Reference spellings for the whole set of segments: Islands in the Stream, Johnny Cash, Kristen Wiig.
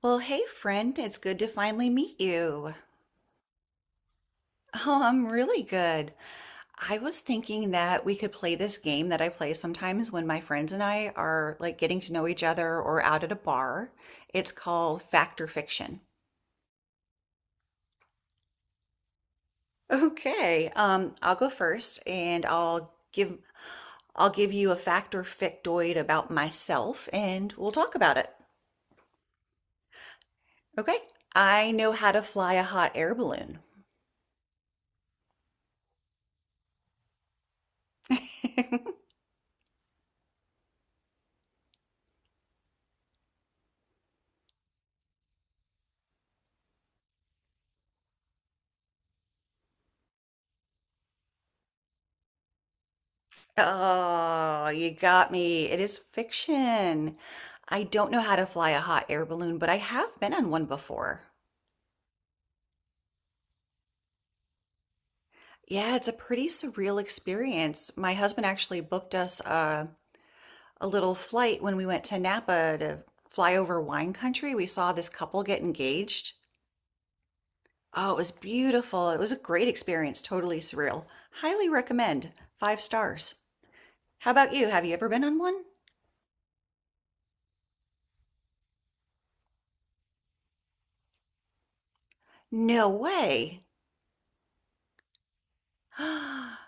Well, hey, friend, it's good to finally meet you. Oh, I'm really good. I was thinking that we could play this game that I play sometimes when my friends and I are like getting to know each other or out at a bar. It's called Fact or Fiction. Okay. I'll go first and I'll give you a fact or factoid about myself and we'll talk about it. Okay. I know how to fly a hot air balloon. Oh, you got me. It is fiction. I don't know how to fly a hot air balloon, but I have been on one before. Yeah, it's a pretty surreal experience. My husband actually booked us a little flight when we went to Napa to fly over wine country. We saw this couple get engaged. Oh, it was beautiful. It was a great experience, totally surreal. Highly recommend. Five stars. How about you? Have you ever been on one? No way.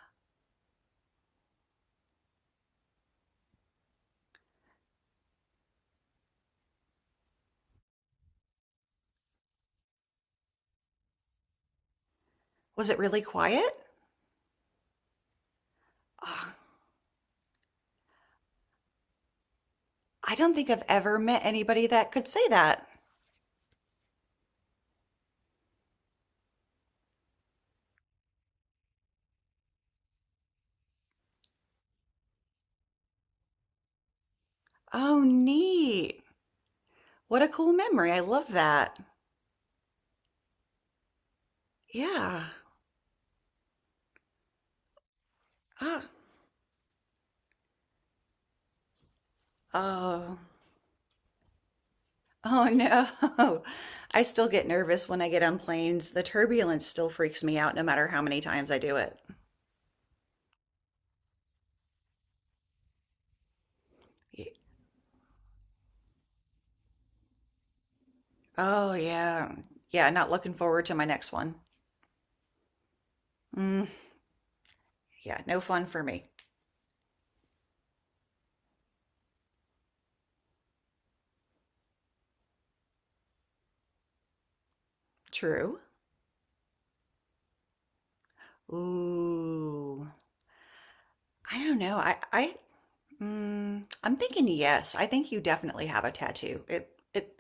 Was it really quiet? Ah, I don't think I've ever met anybody that could say that. Oh, neat. What a cool memory. I love that. Yeah. Ah. Oh. Oh no. I still get nervous when I get on planes. The turbulence still freaks me out no matter how many times I do it. Y- Oh yeah. Yeah, not looking forward to my next one. Mm, yeah, no fun for me. True. Ooh. I don't know. I Mm, I'm thinking yes. I think you definitely have a tattoo. It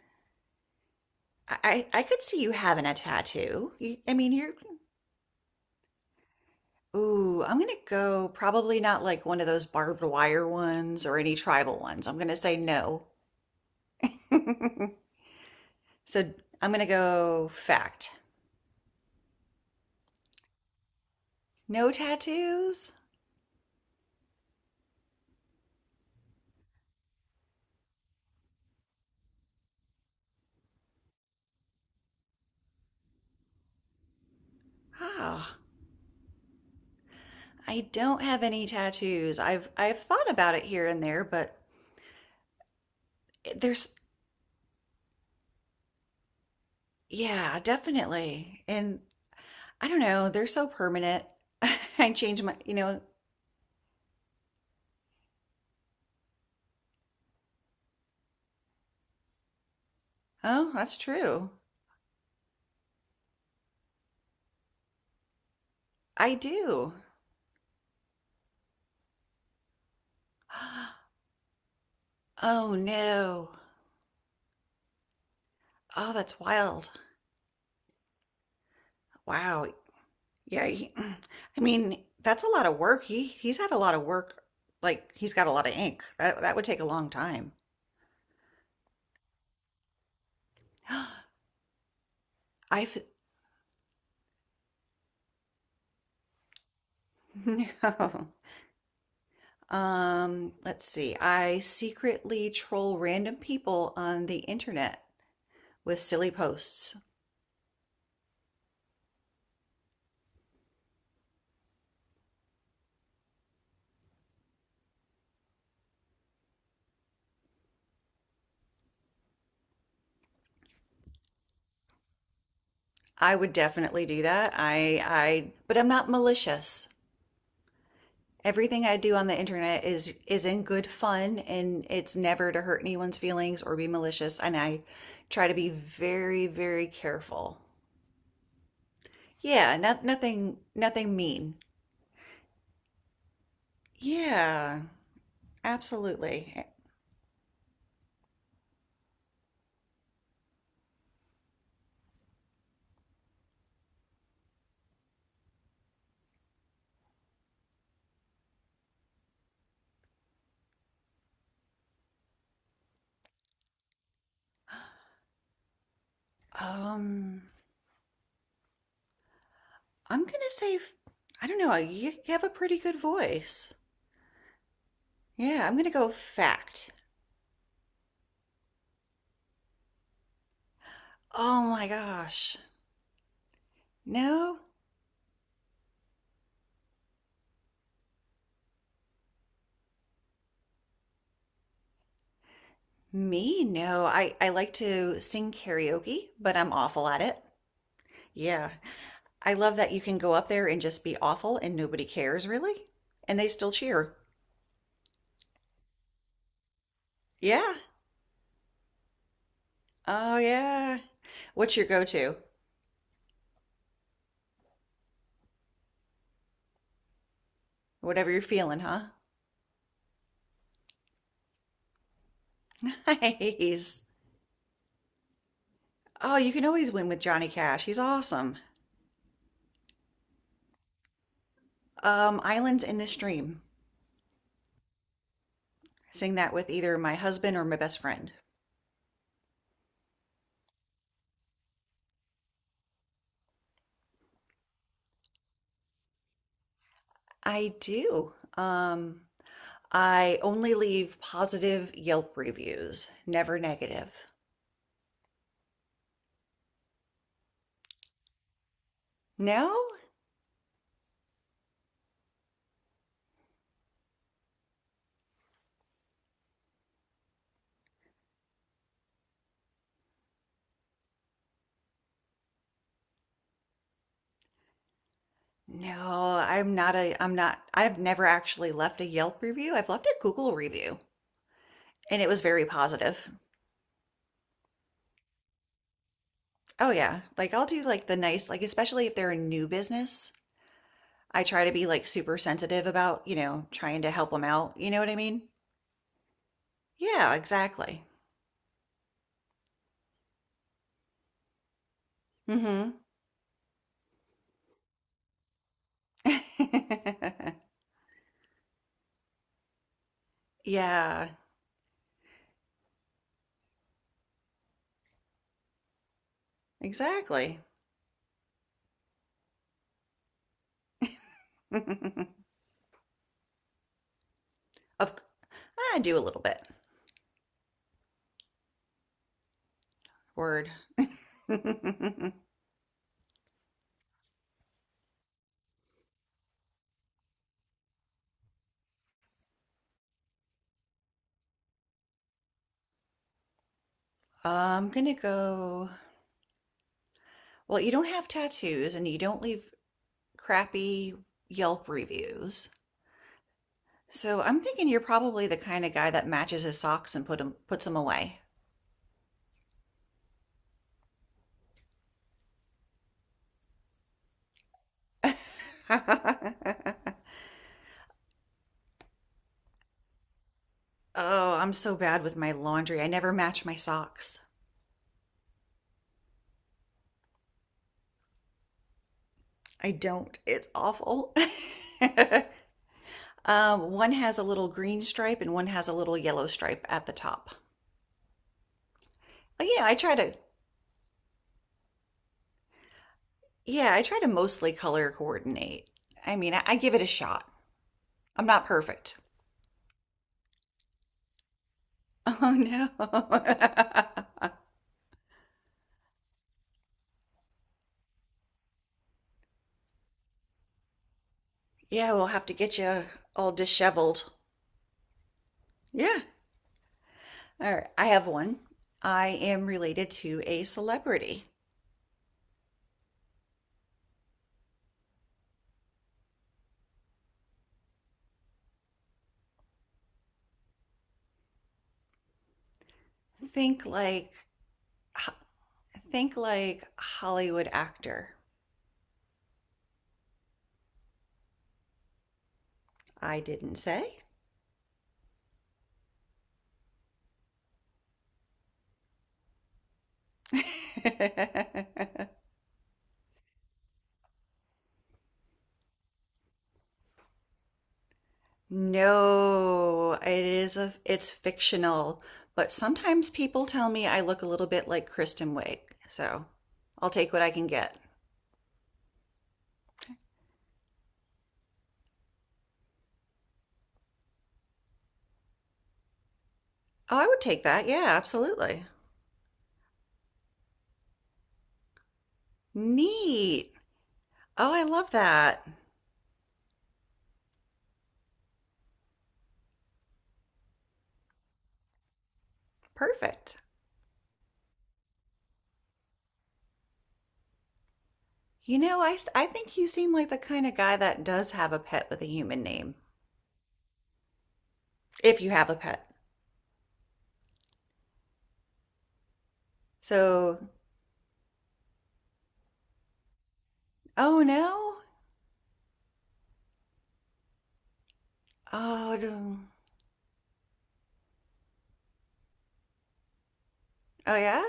I could see you having a tattoo. You, I mean, you're ooh, I'm gonna go probably not like one of those barbed wire ones or any tribal ones. I'm gonna say no. So I'm gonna go fact. No tattoos? Ah, I don't have any tattoos. I've thought about it here and there, but eh, there's yeah, definitely. And I don't know, they're so permanent. I change my oh, that's true. I do. Oh, no. Oh, that's wild. Wow. Yeah, he, I mean, that's a lot of work. He he's had a lot of work. Like, he's got a lot of ink. That that would take a long time. I've no. Let's see. I secretly troll random people on the internet with silly posts. I would definitely do that. I but I'm not malicious. Everything I do on the internet is in good fun and it's never to hurt anyone's feelings or be malicious and I try to be very careful. Yeah, not nothing mean. Yeah, absolutely. Um I'm going to say I don't know, you have a pretty good voice. Yeah, I'm going to go fact. Oh my gosh. No, Me? No. I like to sing karaoke, but I'm awful at it. Yeah. I love that you can go up there and just be awful and nobody cares really, and they still cheer. Yeah. Oh yeah. What's your go-to? Whatever you're feeling, huh? Nice. Oh, you can always win with Johnny Cash. He's awesome. Islands in the Stream. Sing that with either my husband or my best friend. I do. I only leave positive Yelp reviews, never negative. No? No, I'm not, I've never actually left a Yelp review. I've left a Google review and it was very positive. Oh yeah. Like I'll do like the nice like especially if they're a new business, I try to be like super sensitive about, you know, trying to help them out. You know what I mean? Yeah, exactly. Mhm. Yeah, exactly. Of I do a little bit. Word. I'm gonna go. Well, you don't have tattoos and you don't live crappy Yelp reviews. So I'm thinking you're probably the kind of guy that matches his socks and puts them away. Oh, I'm so bad with my laundry. I never match my socks. I don't. It's awful. One has a little green stripe and one has a little yellow stripe at the top. But yeah, I try to yeah, I try to mostly color coordinate. I mean, I give it a shot. I'm not perfect. Oh no. Yeah, we'll have to get you all disheveled. Yeah. All right. I have one. I am related to a celebrity. Think like, think like Hollywood actor. I didn't say. No, it is it's fictional, but sometimes people tell me I look a little bit like Kristen Wiig. So, I'll take what I can get. Oh, I would take that. Yeah, absolutely. Neat. Oh, I love that. Perfect. You know, I think you seem like the kind of guy that does have a pet with a human name, if you have a pet. So, oh no? Oh, oh yeah?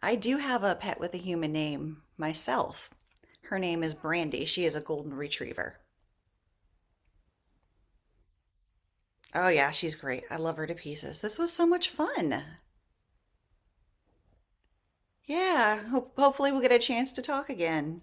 I do have a pet with a human name myself. Her name is Brandy. She is a golden retriever. Oh yeah, she's great. I love her to pieces. This was so much fun. Yeah, hopefully we'll get a chance to talk again.